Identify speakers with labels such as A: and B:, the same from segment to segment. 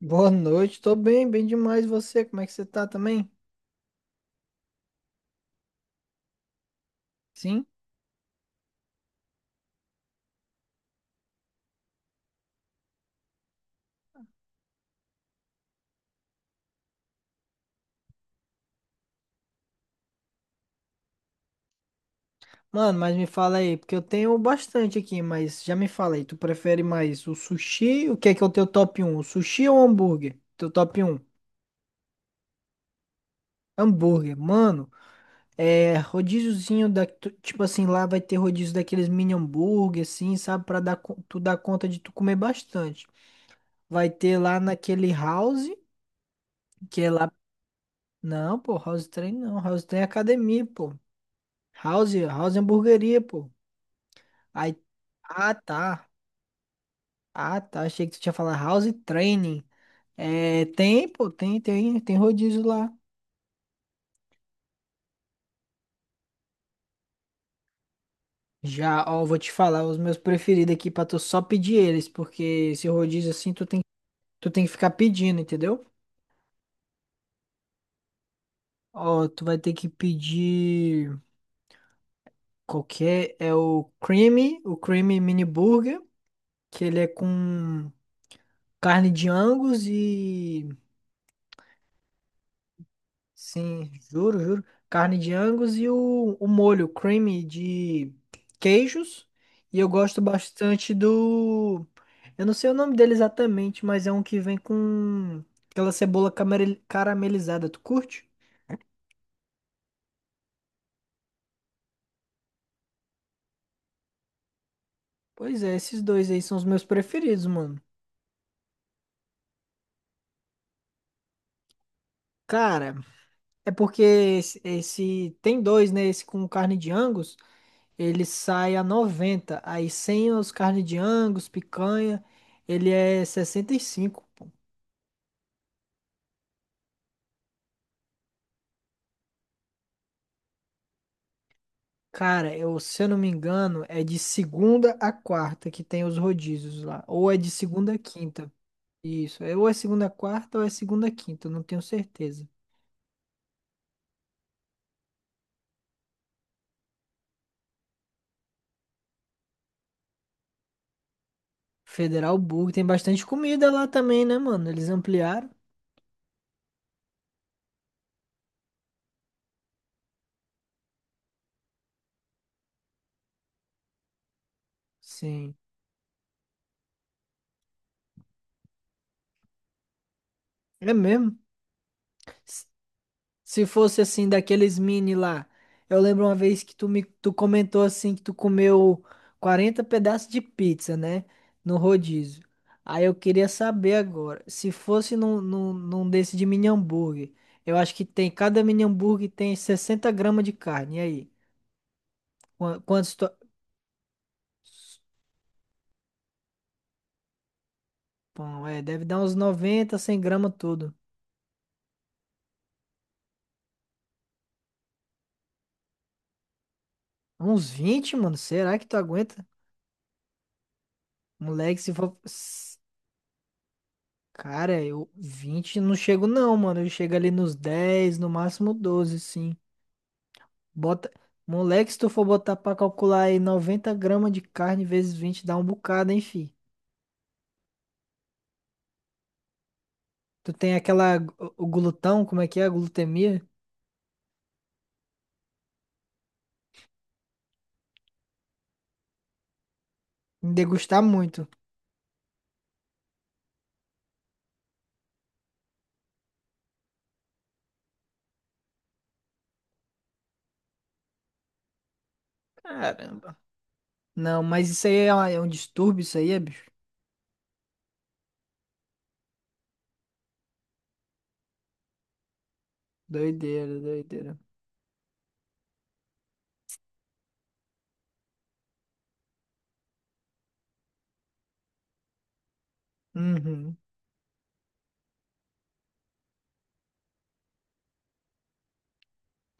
A: Boa noite, tô bem, bem demais. E você, como é que você tá também? Sim? Mano, mas me fala aí, porque eu tenho bastante aqui, mas já me fala aí, tu prefere mais o sushi? O que é o teu top um? O sushi ou o hambúrguer? Teu top um? Hambúrguer, mano, é rodíziozinho da, tipo assim, lá vai ter rodízio daqueles mini hambúrguer, assim, sabe? Pra dar, tu dar conta de tu comer bastante. Vai ter lá naquele house, que é lá. Não, pô, house train não, house train é academia, pô. House, house é hamburgueria, pô. Aí, ah, tá. Ah, tá. Achei que tu tinha falado house training. É, tem, pô, tem rodízio lá. Já, ó, vou te falar os meus preferidos aqui pra tu só pedir eles, porque esse rodízio assim tu tem que ficar pedindo, entendeu? Ó, tu vai ter que pedir qualquer, é o creamy mini burger, que ele é com carne de angus e sim, juro, juro. Carne de Angus e o molho creamy de queijos. E eu gosto bastante do. Eu não sei o nome dele exatamente, mas é um que vem com aquela cebola caramelizada. Tu curte? Pois é, esses dois aí são os meus preferidos, mano. Cara, é porque esse tem dois, né? Esse com carne de Angus, ele sai a 90. Aí sem os carne de Angus, picanha, ele é 65. Cara, eu, se eu não me engano, é de segunda a quarta que tem os rodízios lá. Ou é de segunda a quinta. Isso. Ou é segunda a quarta ou é segunda a quinta. Eu Não tenho certeza. Federal Burger. Tem bastante comida lá também, né, mano? Eles ampliaram. Sim. É mesmo? Se fosse assim, daqueles mini lá. Eu lembro uma vez que tu comentou assim que tu comeu 40 pedaços de pizza, né? No rodízio. Aí eu queria saber agora, se fosse num desse de mini hambúrguer, eu acho que tem, cada mini hambúrguer tem 60 gramas de carne. E aí? Quantos. Pão, é, deve dar uns 90, 100 gramas tudo. Uns 20 mano? Será que tu aguenta? Moleque, se for. Cara, eu 20 não chego não, mano. Eu chego ali nos 10, no máximo 12, sim. Bota... Moleque, se tu for botar pra calcular aí 90 gramas de carne vezes 20 dá um bocado, hein, fi. Tu tem aquela... O glutão, como é que é? A glutemia? Me degustar muito. Caramba. Não, mas isso aí é, é um distúrbio, isso aí é, bicho. Doideira, doideira. Uhum.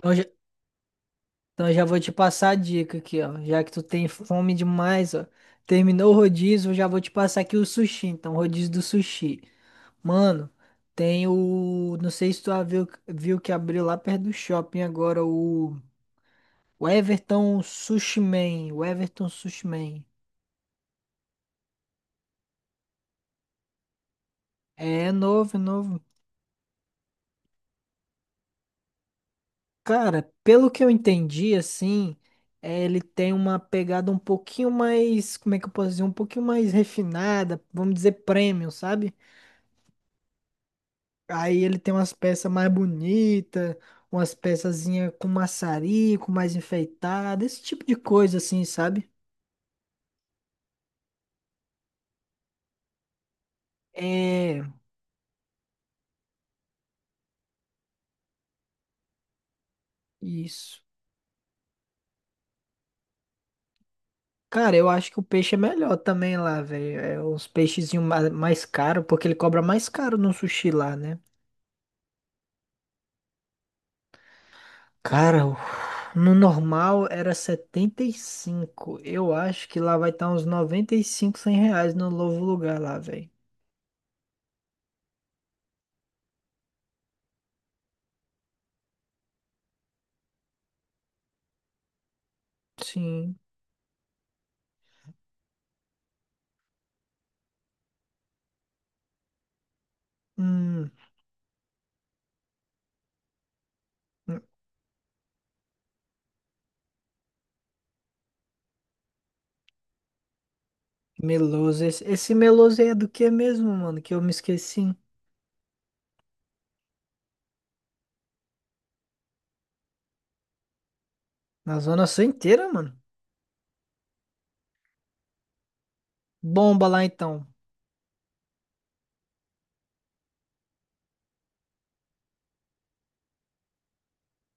A: Então Então eu já vou te passar a dica aqui, ó. Já que tu tem fome demais, ó. Terminou o rodízio, eu já vou te passar aqui o sushi. Então, rodízio do sushi. Mano, tem o. Não sei se tu viu que abriu lá perto do shopping agora o. O Everton Sushi Man. O Everton Sushi Man. É novo, é novo. Cara, pelo que eu entendi, assim, ele tem uma pegada um pouquinho mais. Como é que eu posso dizer? Um pouquinho mais refinada, vamos dizer premium, sabe? Aí ele tem umas peças mais bonitas, umas peçazinhas com maçarico, mais enfeitada, esse tipo de coisa assim, sabe? É, isso. Cara, eu acho que o peixe é melhor também lá, velho. É os peixezinhos mais caros, porque ele cobra mais caro no sushi lá, né? Cara, no normal era 75. Eu acho que lá vai estar uns 95, R$ 100 no novo lugar lá, velho. Sim. Hum. Meloso. Esse Meloso aí é do que mesmo, mano? Que eu me esqueci. Na Zona Sul inteira, mano. Bomba lá então.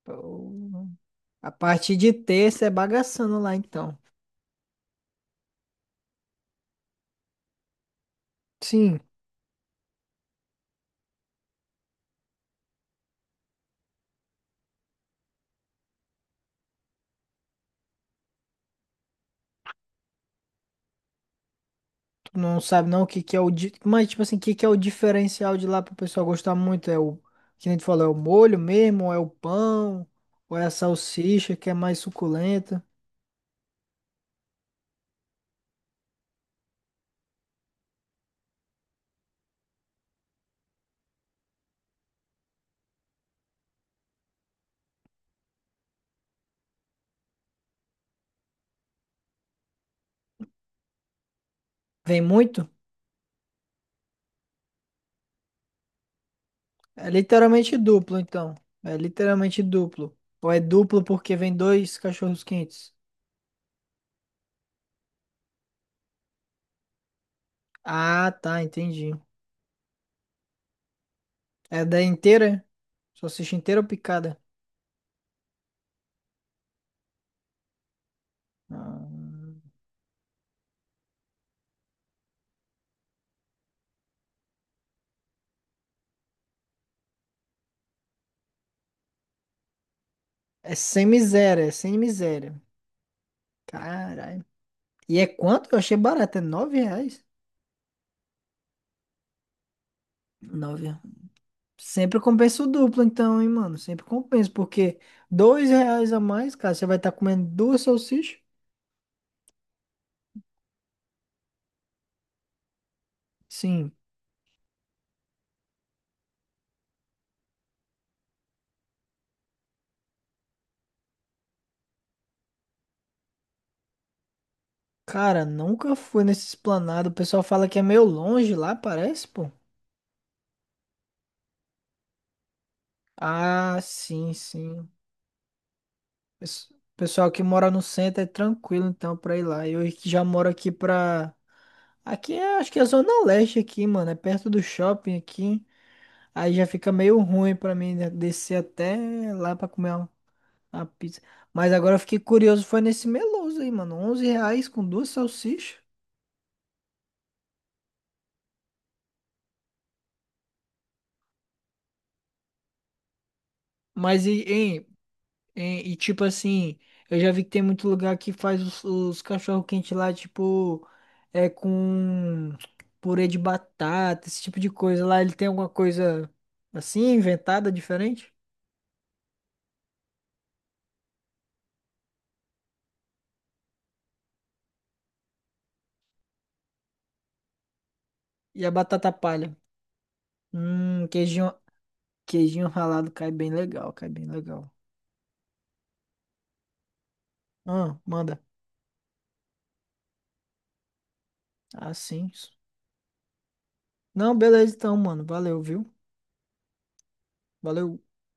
A: Pô, a partir de terça é bagaçando lá então. Sim, tu não sabe não o que que é o. Mas, tipo assim, o que que é o diferencial de lá pro pessoal gostar muito? É o. Que nem tu falou, é o molho mesmo? Ou é o pão? Ou é a salsicha que é mais suculenta? Vem muito? É literalmente duplo então. É literalmente duplo. Ou é duplo porque vem dois cachorros quentes? Ah, tá, entendi. É da inteira? Salsicha inteira ou picada? Ah, é sem miséria, é sem miséria. Caralho. E é quanto? Eu achei barato, é R$ 9? Nove. Sempre compensa o duplo, então, hein, mano? Sempre compensa, porque R$ 2 a mais, cara, você vai estar comendo duas salsichas? Sim. Cara, nunca fui nesse esplanado. O pessoal fala que é meio longe lá, parece, pô. Ah, sim, sim. Pes- Pessoal que mora no centro é tranquilo, então, pra ir lá. Eu que já moro aqui pra. Aqui é, acho que é Zona Leste aqui, mano. É perto do shopping aqui. Aí já fica meio ruim pra mim né, descer até lá pra comer uma pizza. Mas agora eu fiquei curioso, foi nesse Meloso aí, mano. R$ 11 com duas salsichas. Mas e, hein, E, tipo assim, eu já vi que tem muito lugar que faz os cachorro quente lá, tipo, é com purê de batata, esse tipo de coisa. Lá ele tem alguma coisa assim, inventada, diferente? E a batata palha. Hum, queijinho, queijinho, ralado cai bem legal, cai bem legal. Ah, manda. Ah, sim. Não, beleza então, mano. Valeu, viu? Valeu.